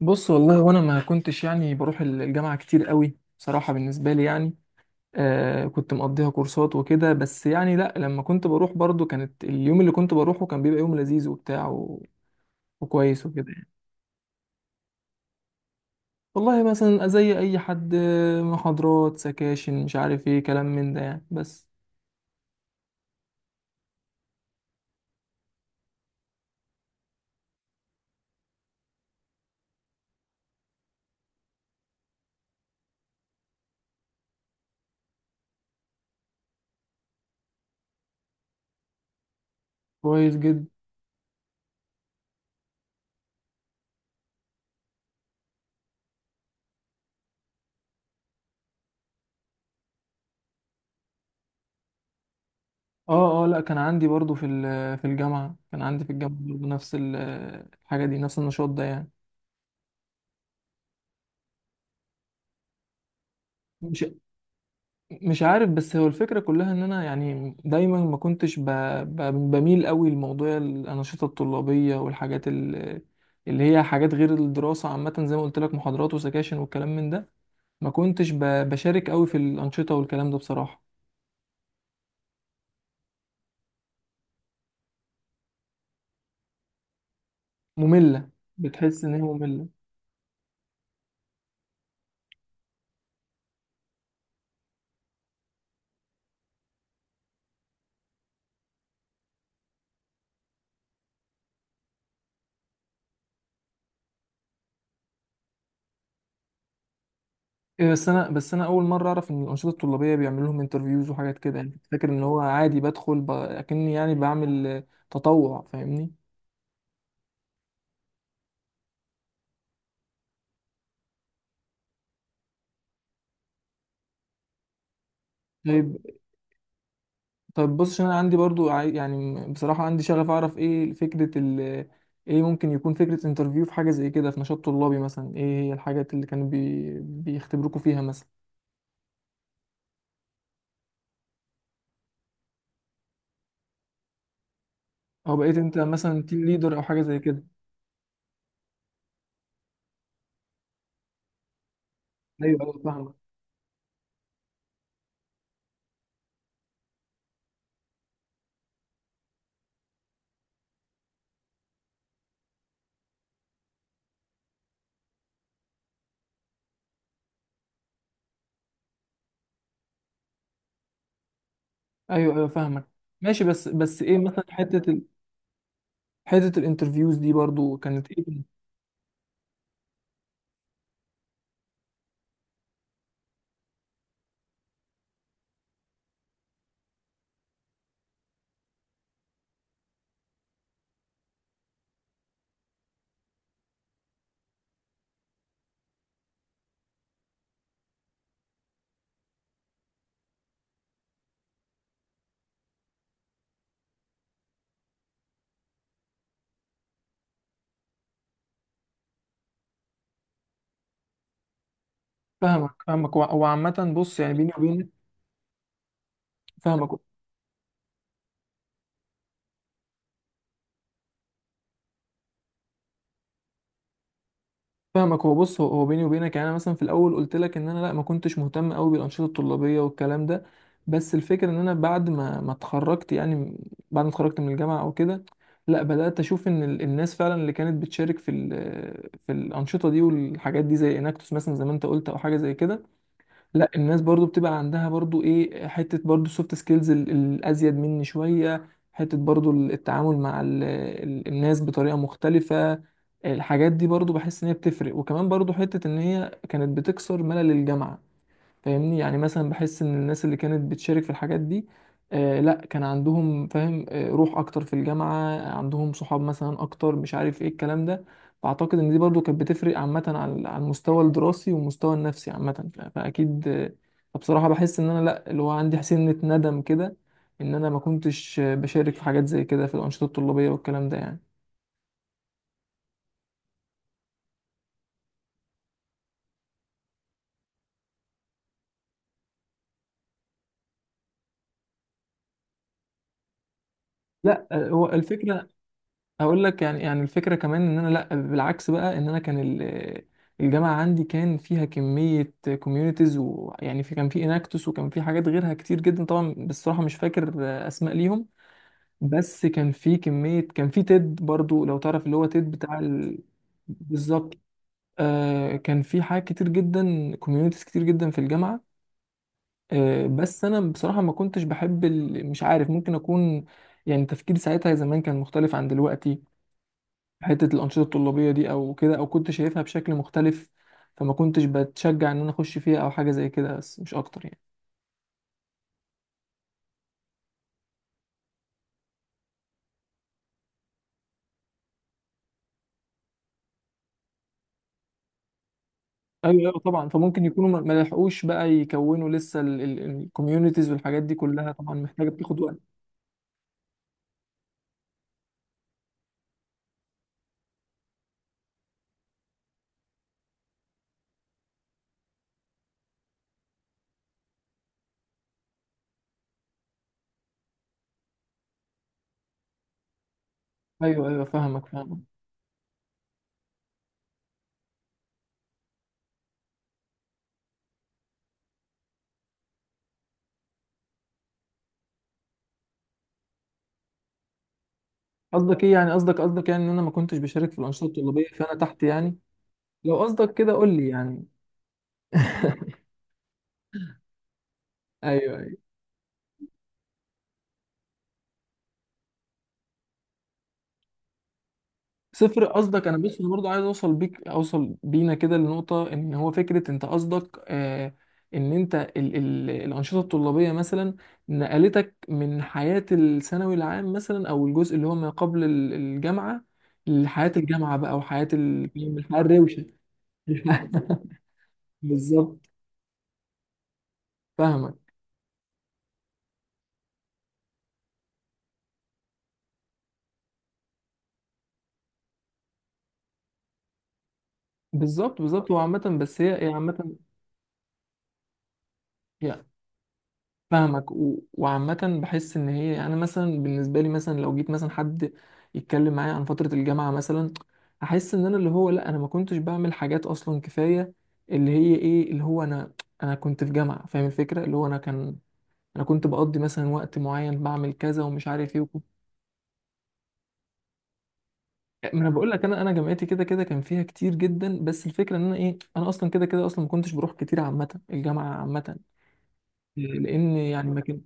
بص، والله وانا ما كنتش يعني بروح الجامعة كتير قوي بصراحة بالنسبة لي يعني. آه كنت مقضيها كورسات وكده بس يعني لا لما كنت بروح برضو كانت اليوم اللي كنت بروحه كان بيبقى يوم لذيذ وبتاع وكويس وكده يعني. والله مثلا زي اي حد، محاضرات سكاشن مش عارف ايه كلام من ده يعني بس. كويس جدا. اه اه، لا كان عندي برضو في الجامعة كان عندي في الجامعة برضو الحاجة دي نفس النشاط ده يعني. مش مش عارف، بس هو الفكرة كلها ان انا يعني دايما ما كنتش ب... بميل قوي لموضوع الانشطة الطلابية اللي هي حاجات غير الدراسة عامة زي ما قلت لك محاضرات وسكاشن والكلام من ده. ما كنتش بشارك قوي في الانشطة والكلام ده بصراحة. مملة. بتحس ان هي مملة. إيه، بس انا اول مرة اعرف ان الانشطة الطلابية بيعملوا لهم انترفيوز وحاجات كده يعني كنت فاكر ان هو عادي بدخل اكني يعني بعمل تطوع، فاهمني؟ طيب. طيب بص، عشان انا عندي برضو يعني بصراحة عندي شغف اعرف ايه فكرة ايه ممكن يكون فكرة انترفيو في حاجة زي كده في نشاط طلابي مثلا، ايه هي الحاجات اللي كانوا بيختبروكوا فيها مثلا، او بقيت انت مثلا تيم ليدر او حاجة زي كده؟ ايوه ايوه، فاهمك. ايوه ايوه، فاهمك. ماشي، بس ايه مثلا حتة الانترفيوز دي برضو كانت ايه؟ فاهمك فاهمك، وعامة بص يعني بيني وبينك. فاهمك فاهمك هو بص، هو بيني وبينك يعني انا مثلا في الاول قلت لك ان انا لا ما كنتش مهتم قوي بالانشطه الطلابيه والكلام ده. بس الفكره ان انا بعد ما اتخرجت يعني بعد ما اتخرجت من الجامعه او كده، لا بدات اشوف ان الناس فعلا اللي كانت بتشارك في الانشطه دي والحاجات دي زي اناكتوس مثلا زي ما انت قلت او حاجه زي كده. لا الناس برضو بتبقى عندها برضو ايه، حتة برضو السوفت سكيلز الازيد مني شوية، حتة برضو التعامل مع ال الناس بطريقة مختلفة. الحاجات دي برضو بحس ان هي بتفرق، وكمان برضو حتة ان هي كانت بتكسر ملل الجامعة. فاهمني؟ يعني مثلا بحس ان الناس اللي كانت بتشارك في الحاجات دي، آه لا كان عندهم فاهم آه روح اكتر في الجامعة، عندهم صحاب مثلا اكتر، مش عارف ايه الكلام ده. فاعتقد ان دي برضو كانت بتفرق عامة على المستوى الدراسي والمستوى النفسي عامة، فاكيد آه. فبصراحة بحس ان انا لا اللي هو عندي سنة ندم كده، ان انا ما كنتش بشارك في حاجات زي كده في الانشطة الطلابية والكلام ده يعني. لا هو الفكرة. هقول لك يعني الفكره كمان ان انا لا بالعكس بقى، ان انا كان الجامعه عندي كان فيها كميه كوميونيتيز ويعني في كان في اناكتوس وكان في حاجات غيرها كتير جدا طبعا، بصراحه مش فاكر اسماء ليهم. بس كان في كميه، كان في تيد برضو لو تعرف، اللي هو تيد بتاع بالظبط. آه كان في حاجات كتير جدا، كوميونيتيز كتير جدا في الجامعه. آه بس انا بصراحه ما كنتش بحب مش عارف، ممكن اكون يعني تفكيري ساعتها زمان كان مختلف عن دلوقتي. حتة الأنشطة الطلابية دي أو كده، أو كنت شايفها بشكل مختلف. فما كنتش بتشجع إن أنا أخش فيها أو حاجة زي كده، بس مش أكتر يعني. أيوه أيوه طبعا، فممكن يكونوا ما لحقوش بقى يكونوا لسه الكوميونيتيز والحاجات دي كلها طبعا محتاجة بتاخد وقت. أيوه أيوه فاهمك فاهمك. قصدك إيه يعني؟ قصدك يعني إن أنا ما كنتش بشارك في الأنشطة الطلابية فأنا تحت يعني؟ لو قصدك كده قول لي يعني. أيوه. صفر قصدك، انا بس برضه عايز اوصل بيك، اوصل بينا كده لنقطه ان هو فكره انت قصدك ان انت ال الانشطه الطلابيه مثلا نقلتك من حياه الثانوي العام مثلا او الجزء اللي هو ما قبل الجامعه لحياه الجامعه بقى، الحياه الروشه. بالظبط. فاهمك. بالظبط بالظبط، وعامه بس هي هي عامه. هي فاهمك وعامة بحس إن هي يعني، أنا مثلا بالنسبة لي مثلا لو جيت مثلا حد يتكلم معايا عن فترة الجامعة مثلا، أحس إن أنا اللي هو لأ أنا ما كنتش بعمل حاجات أصلا كفاية. اللي هي إيه، اللي هو أنا، أنا كنت في جامعة فاهم الفكرة اللي هو أنا كان، أنا كنت بقضي مثلا وقت معين بعمل كذا ومش عارف إيه وكده. ما أنا بقول لك، أنا جامعتي كده كده كان فيها كتير جدا، بس الفكرة إن أنا إيه، أنا أصلا كده كده أصلا ما كنتش بروح كتير عامة، الجامعة عامة، لأن يعني ما كان-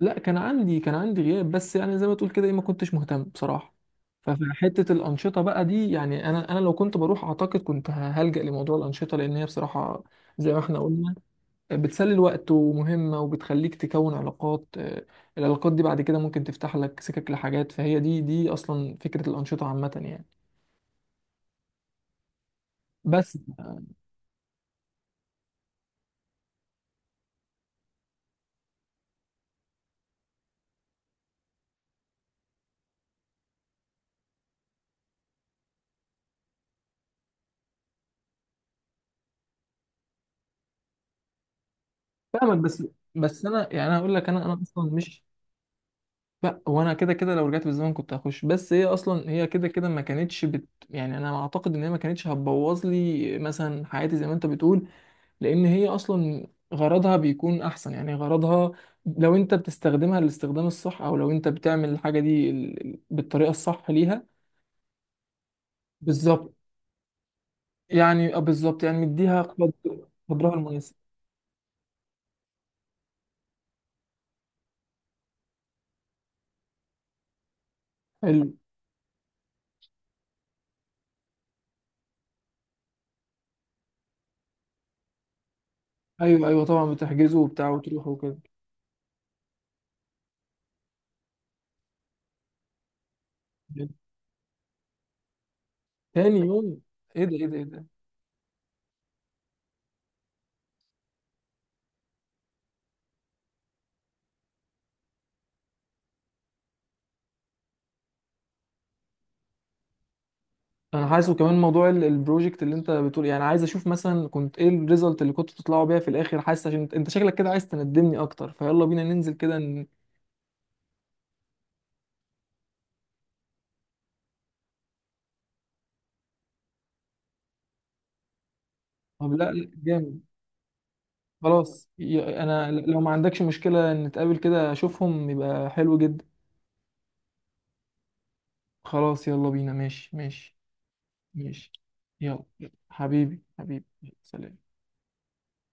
لا كان عندي غياب بس يعني زي ما تقول كده ايه ما كنتش مهتم بصراحة. فحتة الأنشطة بقى دي يعني، أنا لو كنت بروح أعتقد كنت هلجأ لموضوع الأنشطة، لأن هي بصراحة زي ما احنا قلنا بتسلي الوقت ومهمة وبتخليك تكون علاقات، العلاقات دي بعد كده ممكن تفتح لك سكك لحاجات، فهي دي أصلا فكرة الأنشطة عامة يعني. بس فاهمك. بس أنا يعني، أنا أقول لك، أنا أصلا مش. لا وانا كده كده لو رجعت بالزمن كنت هخش، بس هي اصلا هي كده كده ما كانتش يعني انا اعتقد ان هي ما كانتش هتبوظ لي مثلا حياتي زي ما انت بتقول، لان هي اصلا غرضها بيكون احسن، يعني غرضها لو انت بتستخدمها للاستخدام الصح، او لو انت بتعمل الحاجه دي بالطريقه الصح ليها. بالظبط. يعني آه بالظبط، يعني مديها قدرها المناسب. حلو. ايوه ايوه طبعا، بتحجزه وبتاع وتروح وكده. تاني يوم. ايه ده ايه ده ايه ده. انا حاسس، وكمان موضوع البروجكت اللي انت بتقول، يعني عايز اشوف مثلا كنت ايه الريزلت اللي كنتوا بتطلعوا بيها في الاخر. حاسس عشان إنت شكلك كده عايز تندمني اكتر، فيلا بينا ننزل كده طب لا لا، جامد. خلاص انا لو ما عندكش مشكلة نتقابل كده اشوفهم يبقى حلو جدا. خلاص يلا بينا ماشي ماشي. ماشي يلا. حبيبي حبيبي. سلام.